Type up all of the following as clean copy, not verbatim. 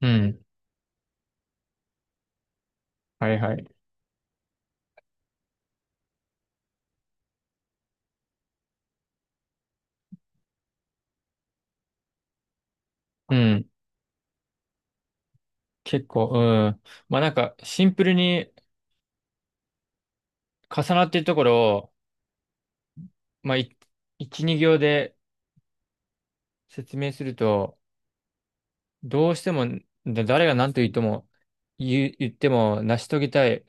うん。はいはい。うん。結構、うん。まあなんか、シンプルに重なっているところを、まあ、一、二行で説明すると、どうしても、誰が何と言っても、言っても成し遂げたい、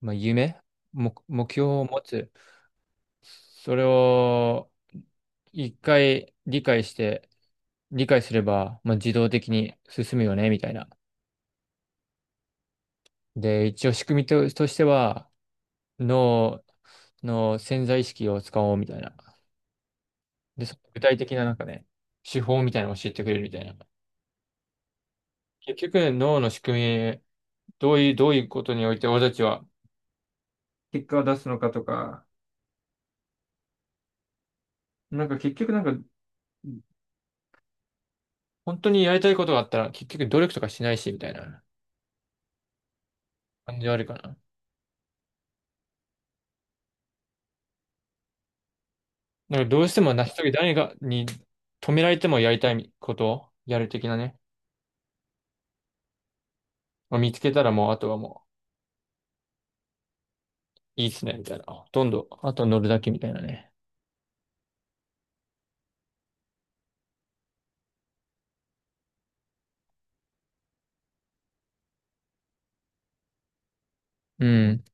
まあ、夢、目標を持つ。それを、一回理解して、理解すれば、まあ、自動的に進むよね、みたいな。で、一応仕組みとしては、脳の潜在意識を使おう、みたいな。で、その具体的ななんかね、手法みたいなのを教えてくれるみたいな。結局、脳の仕組み、どういうことにおいて俺たちは結果を出すのかとか、なんか結局なんか、本当にやりたいことがあったら結局努力とかしないし、みたいな感じはあるかな。なんかどうしても成し遂げ、誰が、に止められてもやりたいことをやる的なね。まあ見つけたらもう、あとはもう、いいっすね、みたいな。ほとんど、あと乗るだけみたいなね。うん。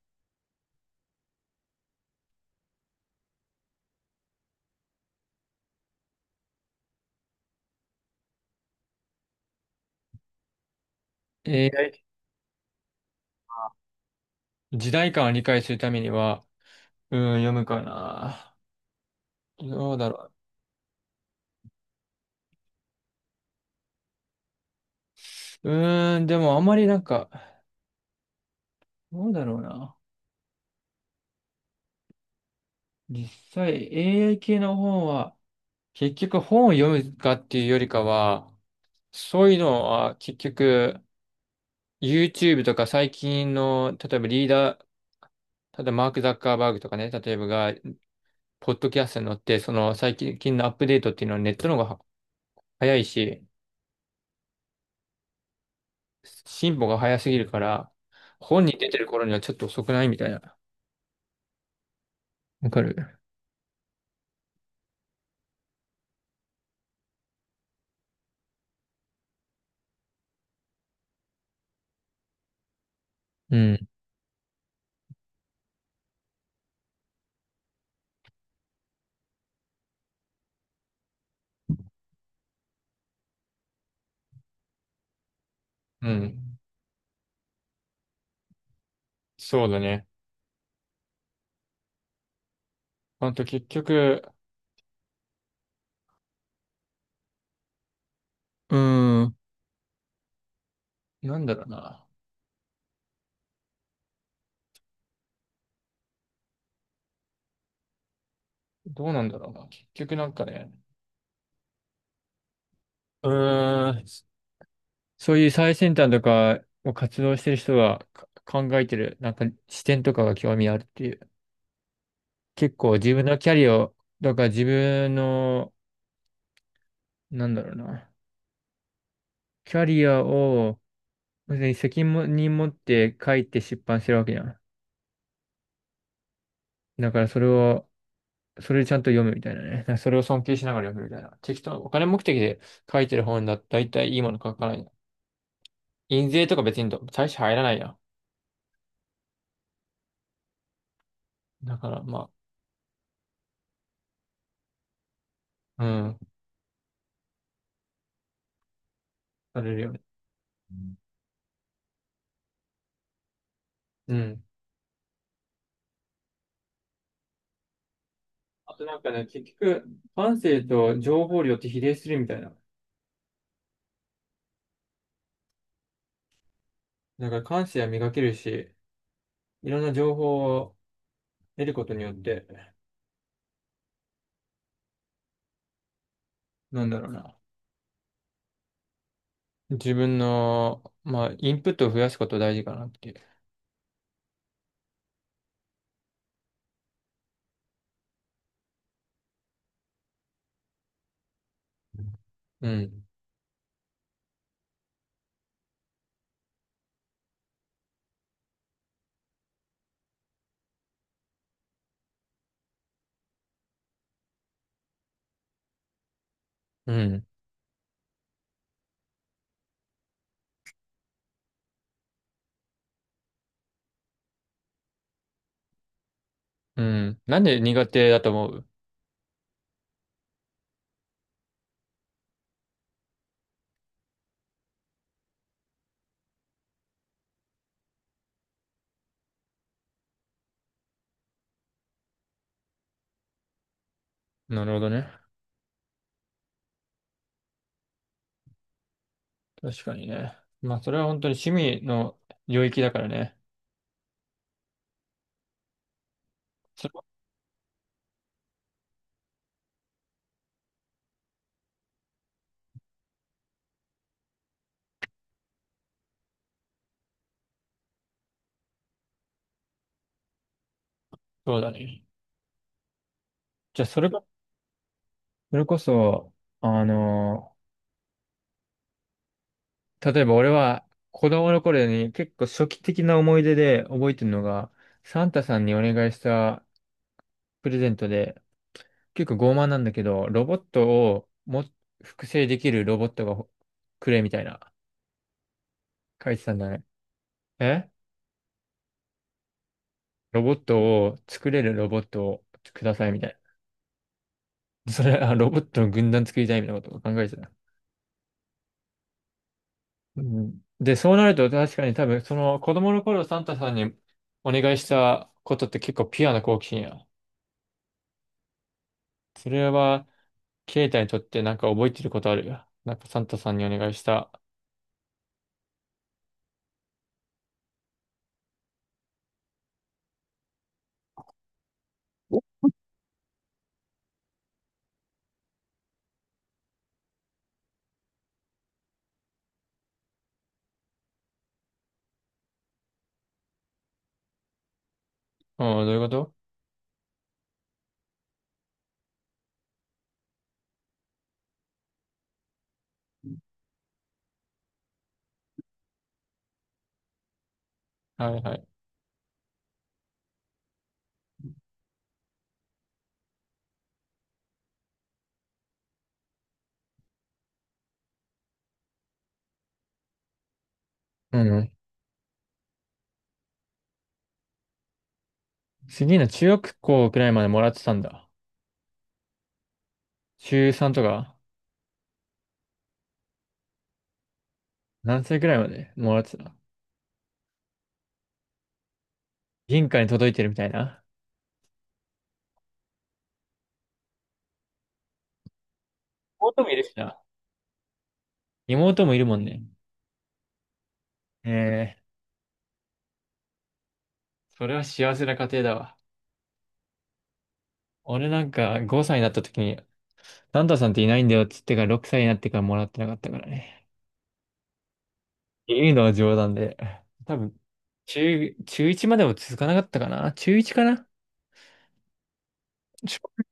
a 時代感を理解するためには、うん、読むかな。どうだろう。でもあんまりなんか、どうだろうな。実際、AI 系の本は、結局本を読むかっていうよりかは、そういうのは結局、YouTube とか最近の、例えばリーダー、ただマーク・ザッカーバーグとかね、例えばが、ポッドキャストに乗って、その最近のアップデートっていうのはネットの方が早いし、進歩が早すぎるから、本に出てる頃にはちょっと遅くないみたいな。わかる。うん。うん。そうだね。あと結局、うーん。なんだろうな。どうなんだろうな。結局なんかね、うーん、そういう最先端とかを活動してる人がか考えてる、なんか視点とかが興味あるっていう。結構自分のキャリアを、だから自分の、なんだろうな。キャリアを、別に責任持って書いて出版してるわけじゃん。だからそれを、それでちゃんと読むみたいなね。なんかそれを尊敬しながら読むみたいな。適当、お金目的で書いてる本だったら大体いいもの書かない。印税とか別に大して入らないや。だから、まあ、うん、されるよね。うん。あとなんかね、結局、感性と情報量って比例するみたいな。だから感性は磨けるし、いろんな情報を得ることによって、なんだろうな。自分の、まあ、インプットを増やすこと大事かなっていう。うん。うん。うん。なんで苦手だと思う？なるほどね。確かにね。まあ、それは本当に趣味の領域だからね。そそうだね。じゃあ、それこそ、あの、例えば俺は子供の頃に結構初期的な思い出で覚えてるのが、サンタさんにお願いしたプレゼントで、結構傲慢なんだけど、ロボットをも複製できるロボットがほくれみたいな、書いてたんだね。えロボットを作れるロボットをくださいみたいな。それ、あ、ロボットの軍団作りたいみたいなことを考えてた。うん。で、そうなると確かに多分、その子供の頃サンタさんにお願いしたことって結構ピュアな好奇心や。それは、ケイタにとってなんか覚えてることあるよ。なんかサンタさんにお願いした。うん、どういうこと？はいはい。うん。次の中学校くらいまでもらってたんだ。中3とか、何歳くらいまでもらってた？銀貨に届いてるみたいな。妹もいるしな。妹もいるもんね。ええ、それは幸せな家庭だわ。俺なんか5歳になった時にサンタさんっていないんだよっつってから6歳になってからもらってなかったからね。っていうのは冗談で。多分、中1までも続かなかったかな、中1かな。ちょ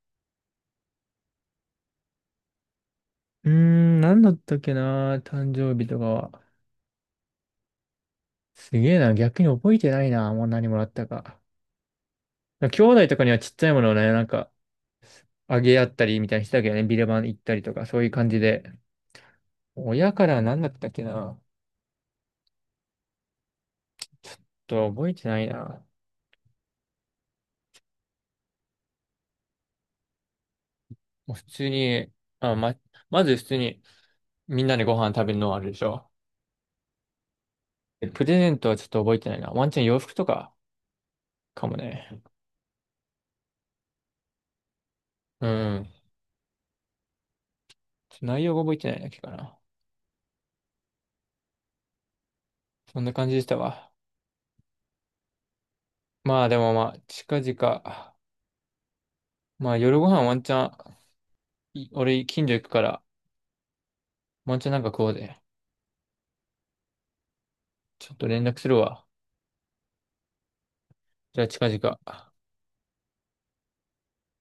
うーん、何だったっけな、誕生日とかは。すげえな、逆に覚えてないな、もう何もらったか。兄弟とかにはちっちゃいものをね、なんか、あげ合ったりみたいにしてたけどね、ビレバン行ったりとか、そういう感じで。親からは何だったっけな。ちょっと覚えてないな。もう普通に、あ、ま、まず普通に、みんなでご飯食べるのはあるでしょ？プレゼントはちょっと覚えてないな。ワンチャン洋服とかかもね。うん。ちょっと内容が覚えてないだけかな。そんな感じでしたわ。まあでもまあ、近々。まあ夜ご飯ワンチャン、俺近所行くから、ワンチャンなんか食おうぜ。ちょっと連絡するわ。じゃあ近々。